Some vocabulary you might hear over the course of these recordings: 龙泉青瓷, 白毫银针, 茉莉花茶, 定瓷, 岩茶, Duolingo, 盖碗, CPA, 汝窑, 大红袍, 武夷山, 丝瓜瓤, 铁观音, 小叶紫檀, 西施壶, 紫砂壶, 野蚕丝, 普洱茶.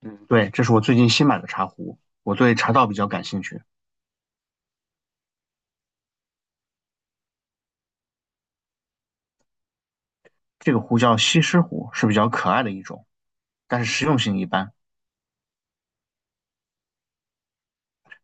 嗯，对，这是我最近新买的茶壶，我对茶道比较感兴趣。这个壶叫西施壶，是比较可爱的一种，但是实用性一般。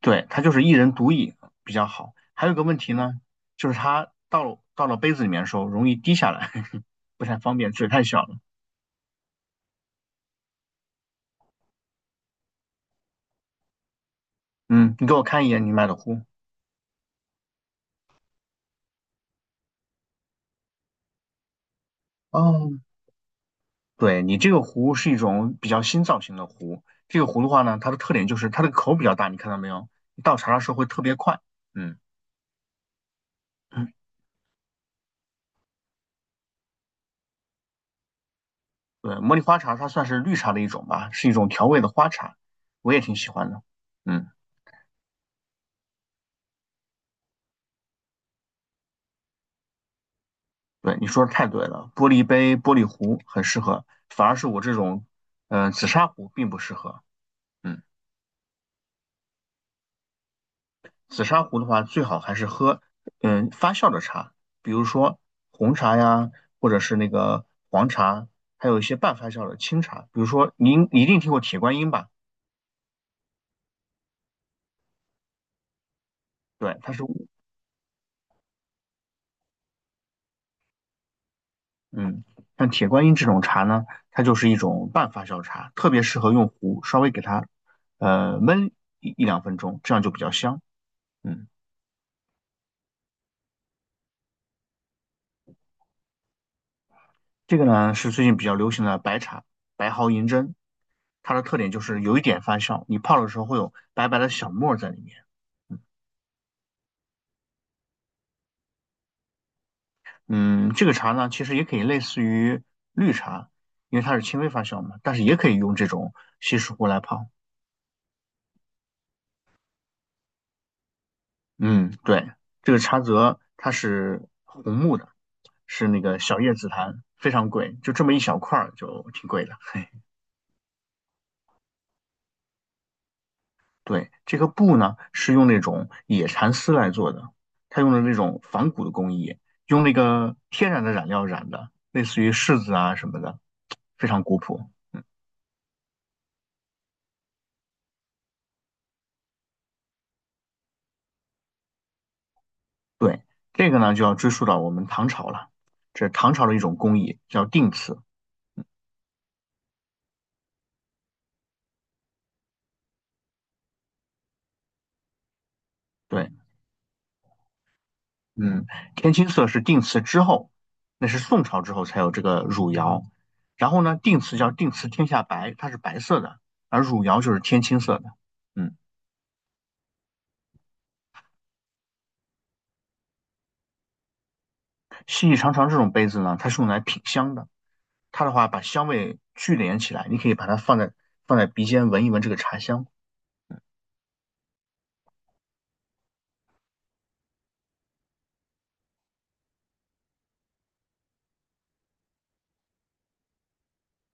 对，它就是一人独饮比较好。还有一个问题呢，就是它到了杯子里面的时候容易滴下来，不太方便，嘴太小了。嗯，你给我看一眼你买的壶。哦，对，你这个壶是一种比较新造型的壶。这个壶的话呢，它的特点就是它的口比较大，你看到没有？你倒茶的时候会特别快。嗯。对，茉莉花茶它算是绿茶的一种吧，是一种调味的花茶，我也挺喜欢的。嗯，对，你说的太对了，玻璃杯、玻璃壶很适合，反而是我这种，紫砂壶并不适合。嗯，紫砂壶的话，最好还是喝，嗯，发酵的茶，比如说红茶呀，或者是那个黄茶，还有一些半发酵的清茶，比如说您一定听过铁观音吧？对，它是嗯，像铁观音这种茶呢，它就是一种半发酵茶，特别适合用壶稍微给它焖一两分钟，这样就比较香。嗯，这个呢是最近比较流行的白茶，白毫银针，它的特点就是有一点发酵，你泡的时候会有白白的小沫儿在里面。嗯，嗯这个茶呢其实也可以类似于绿茶，因为它是轻微发酵嘛，但是也可以用这种稀释壶来泡。嗯，对，这个茶则它是红木的，是那个小叶紫檀，非常贵，就这么一小块儿就挺贵的。嘿，对，这个布呢是用那种野蚕丝来做的，它用的那种仿古的工艺，用那个天然的染料染的，类似于柿子啊什么的，非常古朴。对，这个呢就要追溯到我们唐朝了，这是唐朝的一种工艺叫定瓷。对。嗯，天青色是定词之后，那是宋朝之后才有这个汝窑。然后呢，定瓷叫定瓷天下白，它是白色的，而汝窑就是天青色的。嗯，细细长长这种杯子呢，它是用来品香的。它的话把香味聚敛起来，你可以把它放在鼻尖闻一闻这个茶香。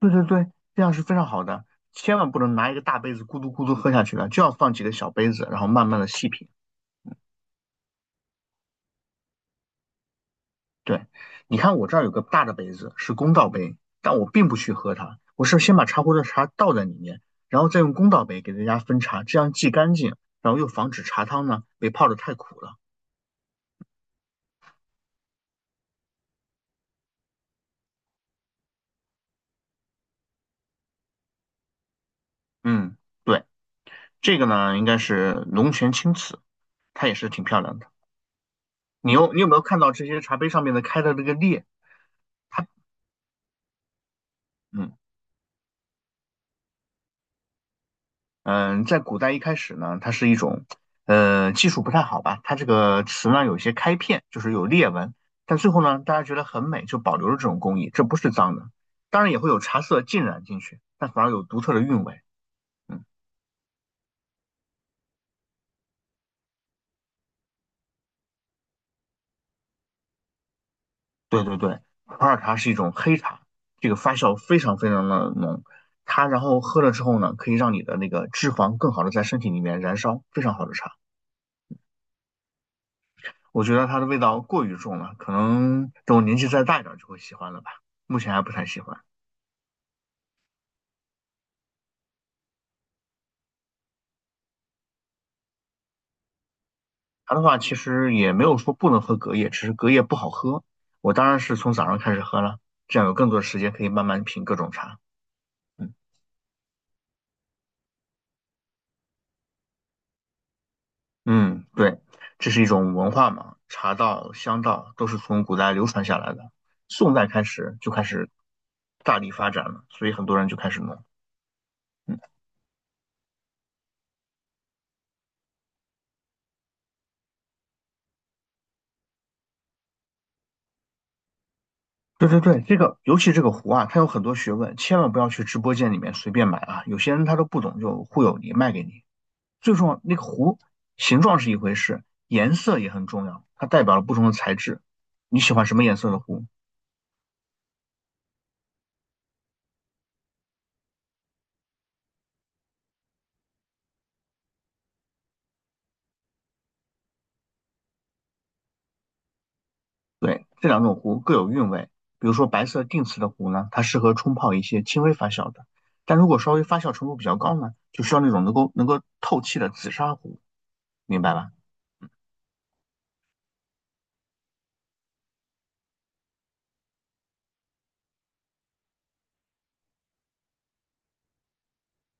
对对对，这样是非常好的，千万不能拿一个大杯子咕嘟咕嘟喝下去的，就要放几个小杯子，然后慢慢的细品。对，你看我这儿有个大的杯子，是公道杯，但我并不去喝它，我是先把茶壶的茶倒在里面，然后再用公道杯给大家分茶，这样既干净，然后又防止茶汤呢被泡的太苦了。嗯，对，这个呢应该是龙泉青瓷，它也是挺漂亮的。你有没有看到这些茶杯上面的开的这个裂？它嗯。嗯，在古代一开始呢，它是一种，技术不太好吧，它这个词呢有一些开片，就是有裂纹，但最后呢，大家觉得很美，就保留了这种工艺，这不是脏的，当然也会有茶色浸染进去，但反而有独特的韵味。嗯，对对对，普洱茶是一种黑茶，这个发酵非常非常的浓，它然后喝了之后呢，可以让你的那个脂肪更好的在身体里面燃烧，非常好的茶。我觉得它的味道过于重了，可能等我年纪再大一点就会喜欢了吧，目前还不太喜欢。茶的话，其实也没有说不能喝隔夜，只是隔夜不好喝。我当然是从早上开始喝了，这样有更多的时间可以慢慢品各种茶。嗯嗯，对，这是一种文化嘛，茶道、香道都是从古代流传下来的，宋代开始就开始大力发展了，所以很多人就开始弄。嗯，对对对，这个尤其这个壶啊，它有很多学问，千万不要去直播间里面随便买啊，有些人他都不懂就忽悠你，卖给你。最重要，那个壶形状是一回事，颜色也很重要，它代表了不同的材质。你喜欢什么颜色的壶？对，这两种壶各有韵味。比如说白色定瓷的壶呢，它适合冲泡一些轻微发酵的；但如果稍微发酵程度比较高呢，就需要那种能够透气的紫砂壶，明白吧？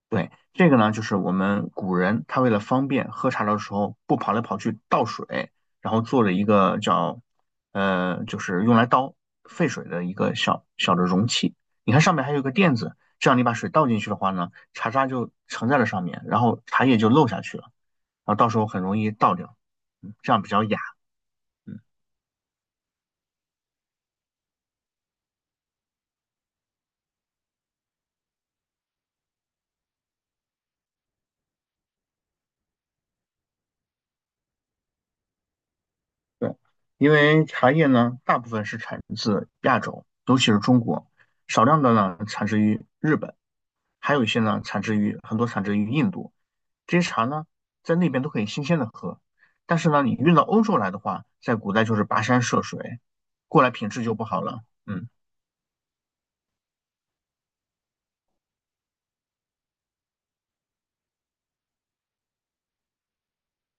对，这个呢，就是我们古人他为了方便喝茶的时候不跑来跑去倒水，然后做了一个叫就是用来倒沸水的一个小小的容器。你看上面还有一个垫子，这样你把水倒进去的话呢，茶渣就盛在了上面，然后茶叶就漏下去了，然后到时候很容易倒掉，这样比较雅。对，因为茶叶呢，大部分是产自亚洲，尤其是中国，少量的呢产自于日本，还有一些呢产自于很多产自于印度。这些茶呢，在那边都可以新鲜的喝，但是呢，你运到欧洲来的话，在古代就是跋山涉水，过来品质就不好了。嗯，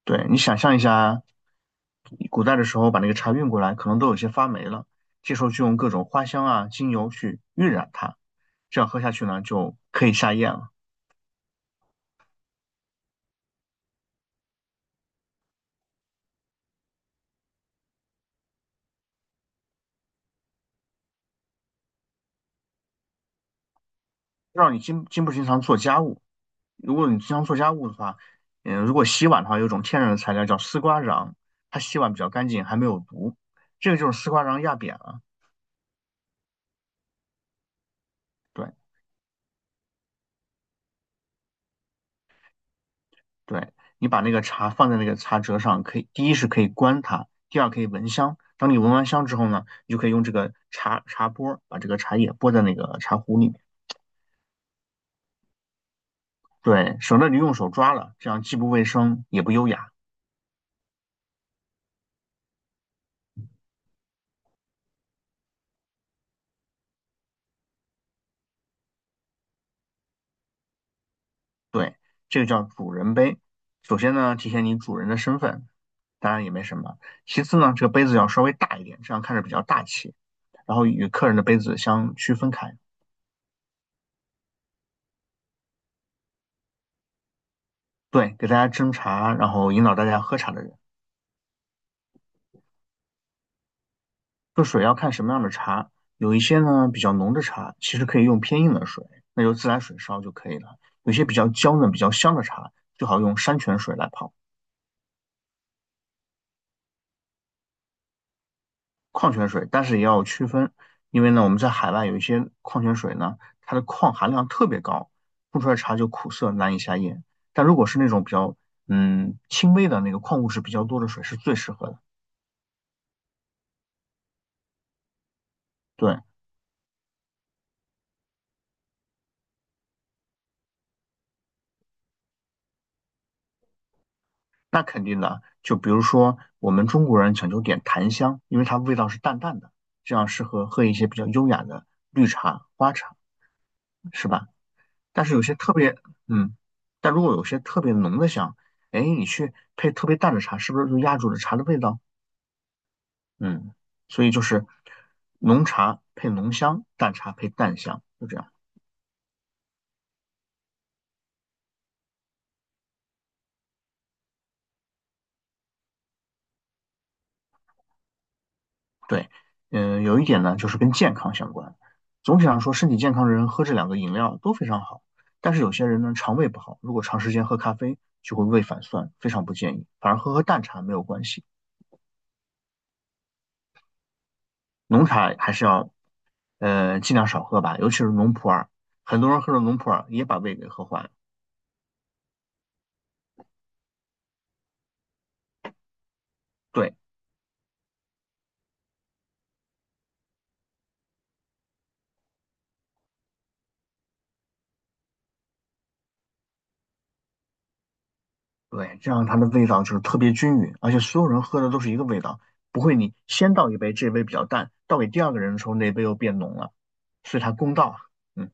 对，你想象一下，古代的时候把那个茶运过来，可能都有些发霉了，这时候就用各种花香啊、精油去晕染它，这样喝下去呢，就可以下咽了。让你不经常做家务。如果你经常做家务的话，嗯，如果洗碗的话，有一种天然的材料叫丝瓜瓤，它洗碗比较干净，还没有毒。这个就是丝瓜瓤压扁了。对对，你把那个茶放在那个茶折上，可以第一是可以观它，第二可以闻香。当你闻完香之后呢，你就可以用这个茶拨把这个茶叶拨在那个茶壶里面，对，省得你用手抓了，这样既不卫生也不优雅。对，这个叫主人杯。首先呢，体现你主人的身份，当然也没什么。其次呢，这个杯子要稍微大一点，这样看着比较大气，然后与客人的杯子相区分开。对，给大家斟茶，然后引导大家喝茶的人。这水要看什么样的茶，有一些呢比较浓的茶，其实可以用偏硬的水，那就自来水烧就可以了。有些比较娇嫩、比较香的茶，最好用山泉水来泡。矿泉水，但是也要区分，因为呢，我们在海外有一些矿泉水呢，它的矿含量特别高，冲出来茶就苦涩难以下咽。但如果是那种比较轻微的那个矿物质比较多的水，是最适合的。对，那肯定的。就比如说我们中国人讲究点檀香，因为它味道是淡淡的，这样适合喝一些比较优雅的绿茶、花茶，是吧？但是有些特别嗯，但如果有些特别浓的香，哎，你去配特别淡的茶，是不是就压住了茶的味道？嗯，所以就是浓茶配浓香，淡茶配淡香，就这样。对，嗯，有一点呢，就是跟健康相关。总体上说，身体健康的人喝这两个饮料都非常好，但是有些人呢，肠胃不好，如果长时间喝咖啡就会胃反酸，非常不建议。反而喝淡茶没有关系，浓茶还是要尽量少喝吧，尤其是浓普洱，很多人喝了浓普洱也把胃给喝坏了。对。对，这样它的味道就是特别均匀，而且所有人喝的都是一个味道，不会你先倒一杯，这杯比较淡，倒给第二个人的时候，那杯又变浓了，所以它公道。嗯，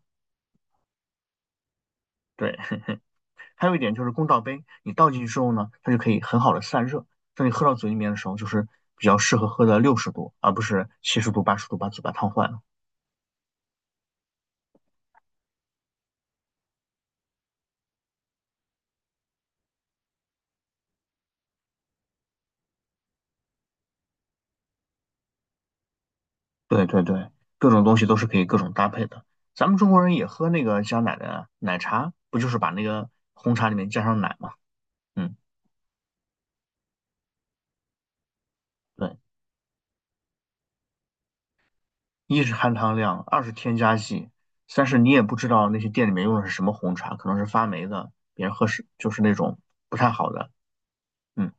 对。还有一点就是公道杯，你倒进去之后呢，它就可以很好的散热，当你喝到嘴里面的时候，就是比较适合喝的60度，而不是70度、80度把嘴巴烫坏了。对对对，各种东西都是可以各种搭配的。咱们中国人也喝那个加奶的奶茶，不就是把那个红茶里面加上奶嘛？嗯。对。一是含糖量，二是添加剂，三是你也不知道那些店里面用的是什么红茶，可能是发霉的，别人喝是就是那种不太好的。嗯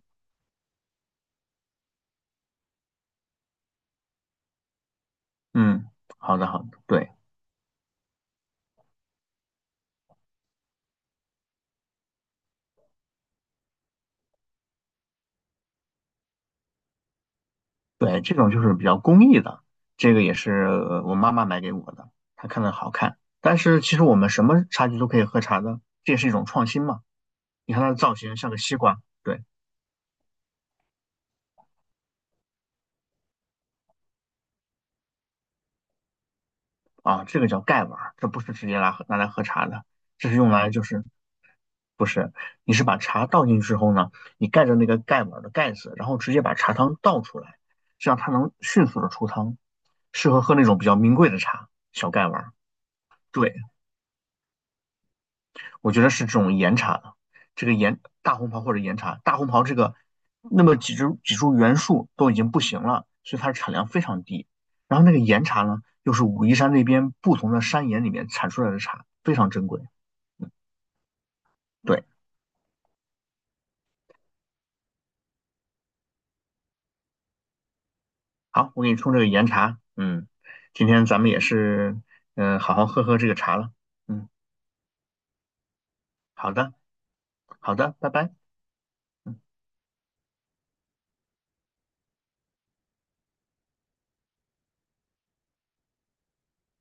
嗯，好的好的，对对，这种就是比较工艺的，这个也是我妈妈买给我的，她看着好看。但是其实我们什么茶具都可以喝茶的，这也是一种创新嘛。你看它的造型像个西瓜，对。啊，这个叫盖碗儿，这不是直接拿来喝茶的，这是用来就是不是，你是把茶倒进去之后呢，你盖着那个盖碗儿的盖子，然后直接把茶汤倒出来，这样它能迅速的出汤，适合喝那种比较名贵的茶，小盖碗儿。对。我觉得是这种岩茶，这个岩大红袍或者岩茶，大红袍这个那么几株几株原树都已经不行了，所以它的产量非常低。然后那个岩茶呢，又是武夷山那边不同的山岩里面产出来的茶，非常珍贵。嗯，对，好，我给你冲这个岩茶。嗯，今天咱们也是，好好喝喝这个茶了。嗯，好的，好的，拜拜。嗯。